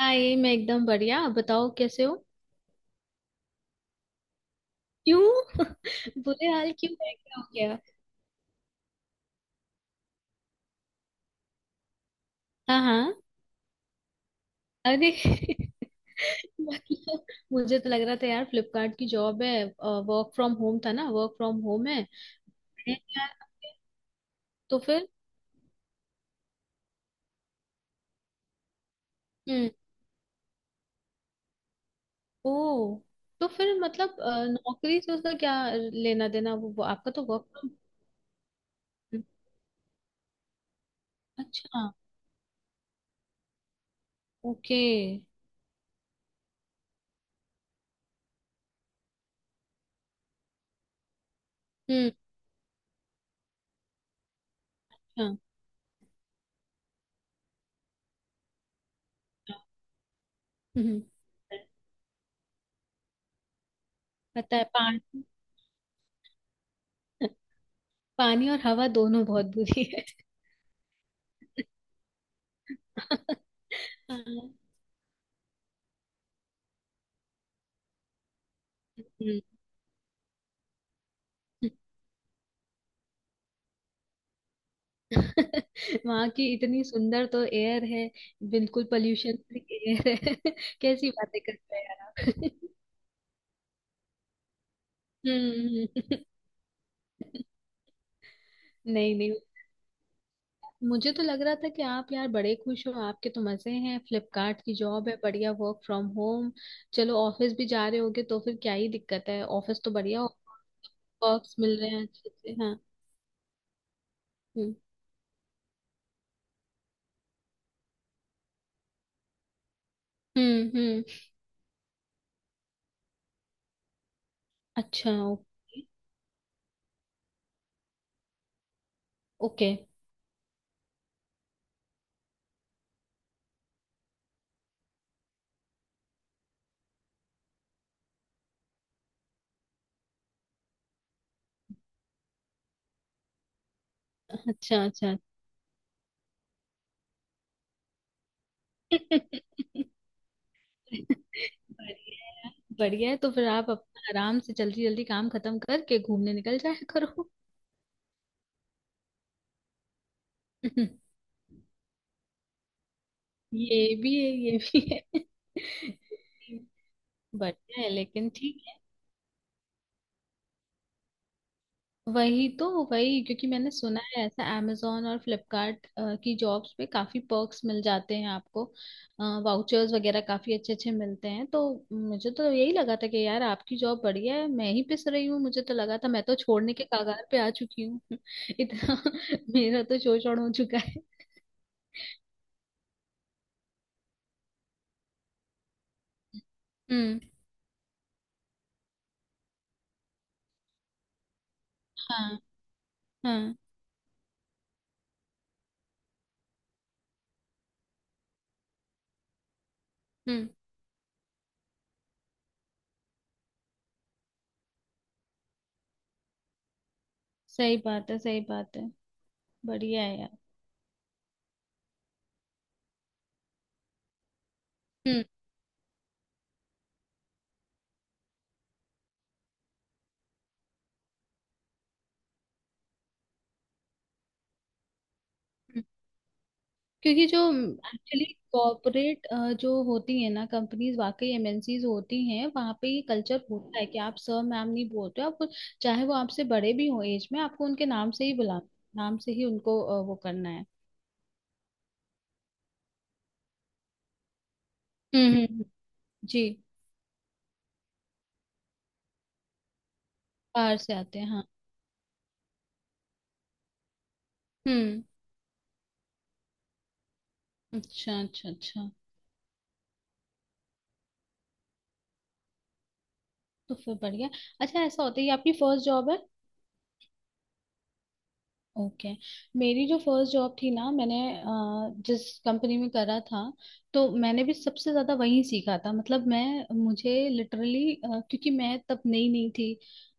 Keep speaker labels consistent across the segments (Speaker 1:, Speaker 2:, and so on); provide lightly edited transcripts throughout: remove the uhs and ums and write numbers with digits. Speaker 1: हाय। मैं एकदम बढ़िया। आप बताओ कैसे हो। क्यों। बुरे हाल क्यों है? क्या हो गया। हाँ हाँ। अरे। मतलब। मुझे तो लग रहा था यार फ्लिपकार्ट की जॉब है, वर्क फ्रॉम होम था ना, वर्क फ्रॉम होम है। मैंने कहा। तो फिर। हम्म। ओ। तो फिर मतलब नौकरी से उसका क्या लेना देना आपका तो वर्क फ्रॉम। अच्छा। ओके। हम्म। अच्छा। हम्म हम्म। पता है पानी। पानी और हवा दोनों बहुत बुरी है। हाँ। हम्म। वहाँ की इतनी सुंदर तो एयर है, बिल्कुल पोल्यूशन फ्री एयर है। कैसी बातें करते हैं यार आप। हम्म। नहीं नहीं। मुझे तो लग रहा था कि आप यार बड़े खुश हो, आपके तो मजे हैं, फ्लिपकार्ट की जॉब है, बढ़िया वर्क फ्रॉम होम। चलो ऑफिस भी जा रहे होगे तो फिर क्या ही दिक्कत है, ऑफिस तो बढ़िया। वर्क्स मिल रहे हैं अच्छे से। हाँ। हम्म हम्म हम्म, अच्छा। ओके। ओके। अच्छा अच्छा। बढ़िया। बढ़िया है तो फिर आप अपना आराम से जल्दी जल्दी काम खत्म करके घूमने निकल जाया करो। ये भी है ये भी है। बढ़िया है, लेकिन ठीक है। वही तो, वही क्योंकि मैंने सुना है ऐसा amazon और फ्लिपकार्ट की जॉब्स पे काफी पर्क्स मिल जाते हैं आपको। वाउचर्स वगैरह काफी अच्छे अच्छे मिलते हैं तो। मुझे तो यही लगा था कि यार आपकी जॉब बढ़िया है, मैं ही पिस रही हूँ। मुझे तो लगा था मैं तो छोड़ने के कगार पे आ चुकी हूँ। इतना। मेरा तो शोषण हो चुका है। हम्म। हाँ हाँ। हम्म। सही बात है, सही बात है। बढ़िया है यार। हम्म हम्म, क्योंकि जो एक्चुअली कॉर्पोरेट जो होती है ना कंपनीज, वाकई एमएनसीज होती हैं, वहाँ पे ये कल्चर होता है कि आप सर मैम नहीं बोलते हो, आप चाहे वो आपसे बड़े भी हो एज में, आपको उनके नाम से ही उनको वो करना है। हम्म, हम्म, हम्म। जी। बाहर से आते हैं हाँ। हम्म। अच्छा अच्छा अच्छा। तो फिर बढ़िया। अच्छा, ऐसा होता है ये? आपकी फर्स्ट जॉब है? ओके। मेरी जो फर्स्ट जॉब थी ना, मैंने जिस कंपनी में करा था, तो मैंने भी सबसे ज्यादा वहीं सीखा था, मतलब मैं मुझे लिटरली क्योंकि मैं तब नई नई थी।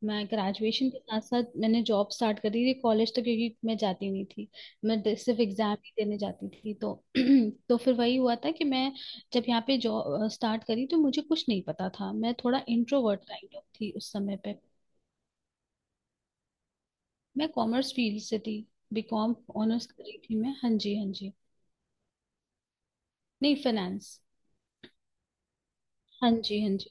Speaker 1: मैं ग्रेजुएशन के साथ साथ मैंने जॉब स्टार्ट करी थी, कॉलेज तो क्योंकि मैं जाती नहीं थी, मैं सिर्फ एग्जाम ही देने जाती थी तो तो फिर वही हुआ था कि मैं जब यहाँ पे जॉब स्टार्ट करी तो मुझे कुछ नहीं पता था, मैं थोड़ा इंट्रोवर्ट काइंड ऑफ थी उस समय पे। मैं कॉमर्स फील्ड से थी। बीकॉम ऑनर्स कर रही थी मैं। हाँ जी, हाँ जी। नहीं, फाइनेंस। हाँ जी, हाँ जी।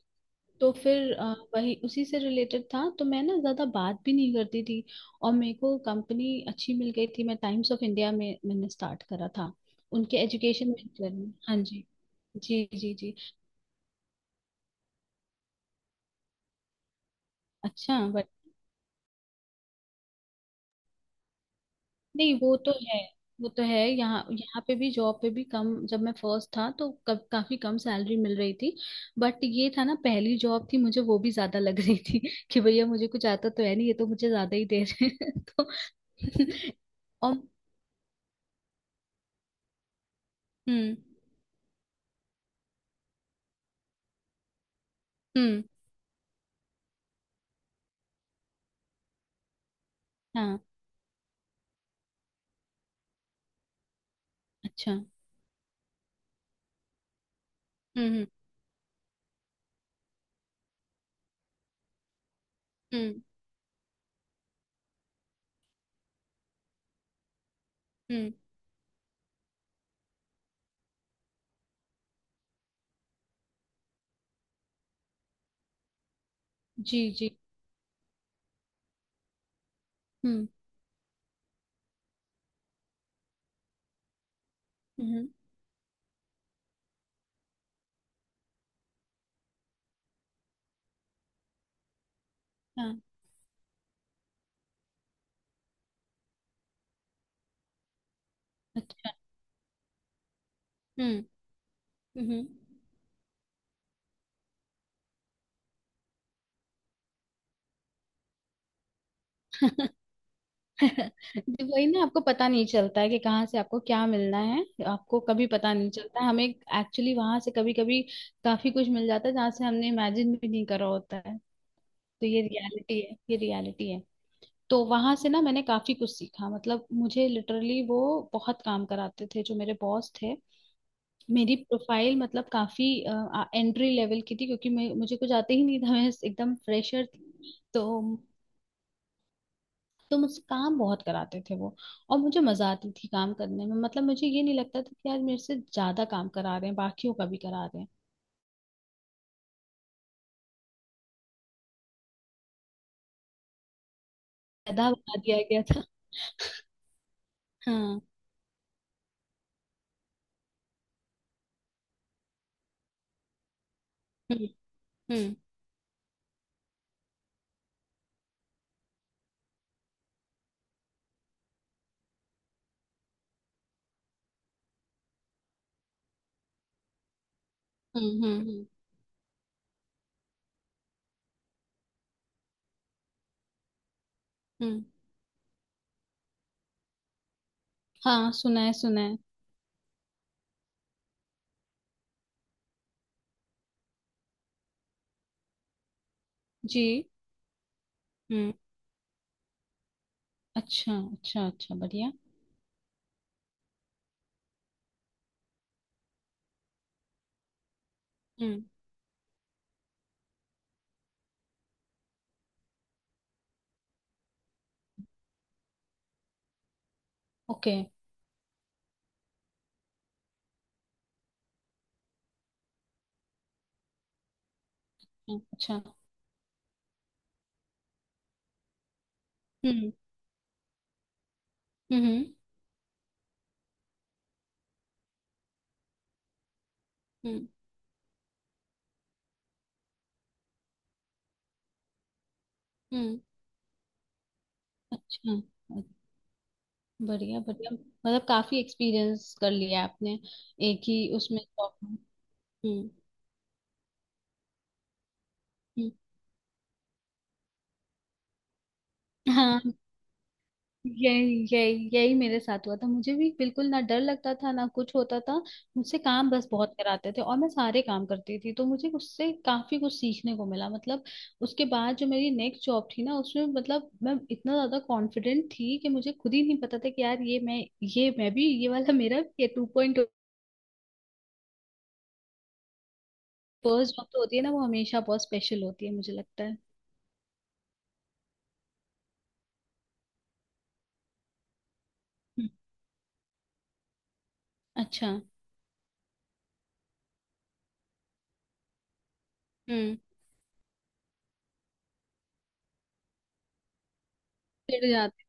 Speaker 1: तो फिर वही उसी से रिलेटेड था तो मैं ना ज़्यादा बात भी नहीं करती थी। और मेरे को कंपनी अच्छी मिल गई थी, मैं टाइम्स ऑफ इंडिया में मैंने स्टार्ट करा था उनके एजुकेशन वेंचर में। हाँ जी जी जी। जी। अच्छा। नहीं, वो तो है। वो तो है, यहाँ यहाँ पे भी जॉब पे भी कम, जब मैं फर्स्ट था तो कब काफी कम सैलरी मिल रही थी। बट ये था ना, पहली जॉब थी मुझे, वो भी ज्यादा लग रही थी कि भैया मुझे कुछ आता तो है नहीं, ये तो मुझे ज्यादा ही दे रहे हैं तो। और। हम्म। हम्म। हाँ। अच्छा। हम्म। हम्म। हम्म हम्म, जी जी। हम्म हम्म। हाँ। अच्छा। हम्म हम्म। जी, वही ना, आपको पता नहीं चलता है कि कहाँ से आपको क्या मिलना है। आपको कभी पता नहीं चलता है, हमें एक्चुअली वहां से कभी कभी काफी कुछ मिल जाता है जहाँ से हमने इमेजिन भी नहीं करा होता है। तो ये रियलिटी है, ये रियलिटी है। तो वहां से ना मैंने काफी कुछ सीखा, मतलब मुझे लिटरली वो बहुत काम कराते थे जो मेरे बॉस थे। मेरी प्रोफाइल मतलब काफी एंट्री लेवल की थी, क्योंकि मैं मुझे कुछ आते ही नहीं था, मैं एकदम फ्रेशर थी। तो तो मुझसे काम बहुत कराते थे वो। और मुझे मजा आती थी काम करने में, मतलब मुझे ये नहीं लगता था कि यार मेरे से ज्यादा काम करा रहे हैं, बाकियों का भी करा रहे हैं। गधा बना दिया गया था। हाँ। हम्म हम्म हम्म हम्म हम्म हम्म। हाँ, सुना है सुना है। जी। हम्म। अच्छा अच्छा अच्छा। बढ़िया। हम्म। ओके। अच्छा। हम्म हम्म हम्म हम्म हम्म, अच्छा। बढ़िया बढ़िया, मतलब काफी एक्सपीरियंस कर लिया आपने, एक ही उसमें जॉब में। हम्म। हम्म। हाँ। यही यही यही मेरे साथ हुआ था, मुझे भी बिल्कुल ना डर लगता था ना कुछ होता था। मुझसे काम बस बहुत कराते थे, और मैं सारे काम करती थी, तो मुझे उससे काफी कुछ सीखने को मिला मतलब। उसके बाद जो मेरी नेक्स्ट जॉब थी ना उसमें, मतलब मैं इतना ज्यादा कॉन्फिडेंट थी कि मुझे खुद ही नहीं पता था कि यार ये मैं, ये मैं भी, ये वाला मेरा भी, ये टू पॉइंट। फर्स्ट जॉब तो होती है ना, वो हमेशा बहुत स्पेशल होती है मुझे लगता है। हम्म, अच्छा। हम्म। चिढ़ जाते।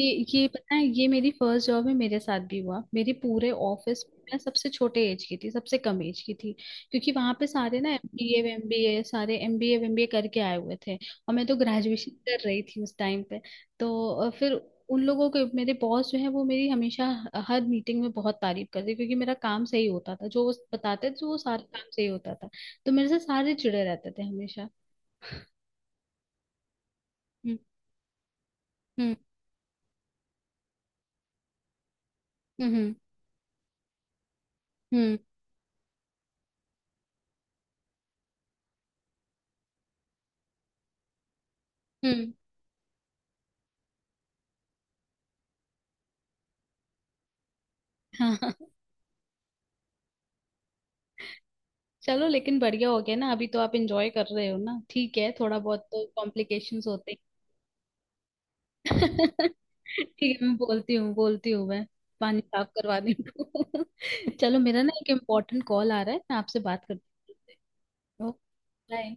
Speaker 1: ये ये पता है, ये मेरी फर्स्ट जॉब में मेरे साथ भी हुआ, मेरे पूरे ऑफिस में मैं सबसे छोटे एज की थी, सबसे कम एज की थी। क्योंकि वहां पे सारे ना एमबीए एमबीए, सारे एमबीए एमबीए करके आए हुए थे, और मैं तो ग्रेजुएशन कर रही थी उस टाइम पे। तो फिर उन लोगों के मेरे बॉस जो है वो मेरी हमेशा हर मीटिंग में बहुत तारीफ करते, क्योंकि मेरा काम सही होता था, जो वो बताते थे वो सारा काम सही होता था। तो मेरे से सारे चिड़े रहते थे हमेशा। हम्म हम्म हम्म हम्म हम्म, हाँ। चलो लेकिन बढ़िया हो गया ना, अभी तो आप एंजॉय कर रहे हो ना, ठीक है, थोड़ा बहुत तो कॉम्प्लिकेशंस होते हैं। ठीक है, मैं बोलती हूँ मैं, पानी साफ करवाने को। चलो, मेरा ना एक इम्पोर्टेंट कॉल आ रहा है, मैं आपसे बात करती हूँ। बाय।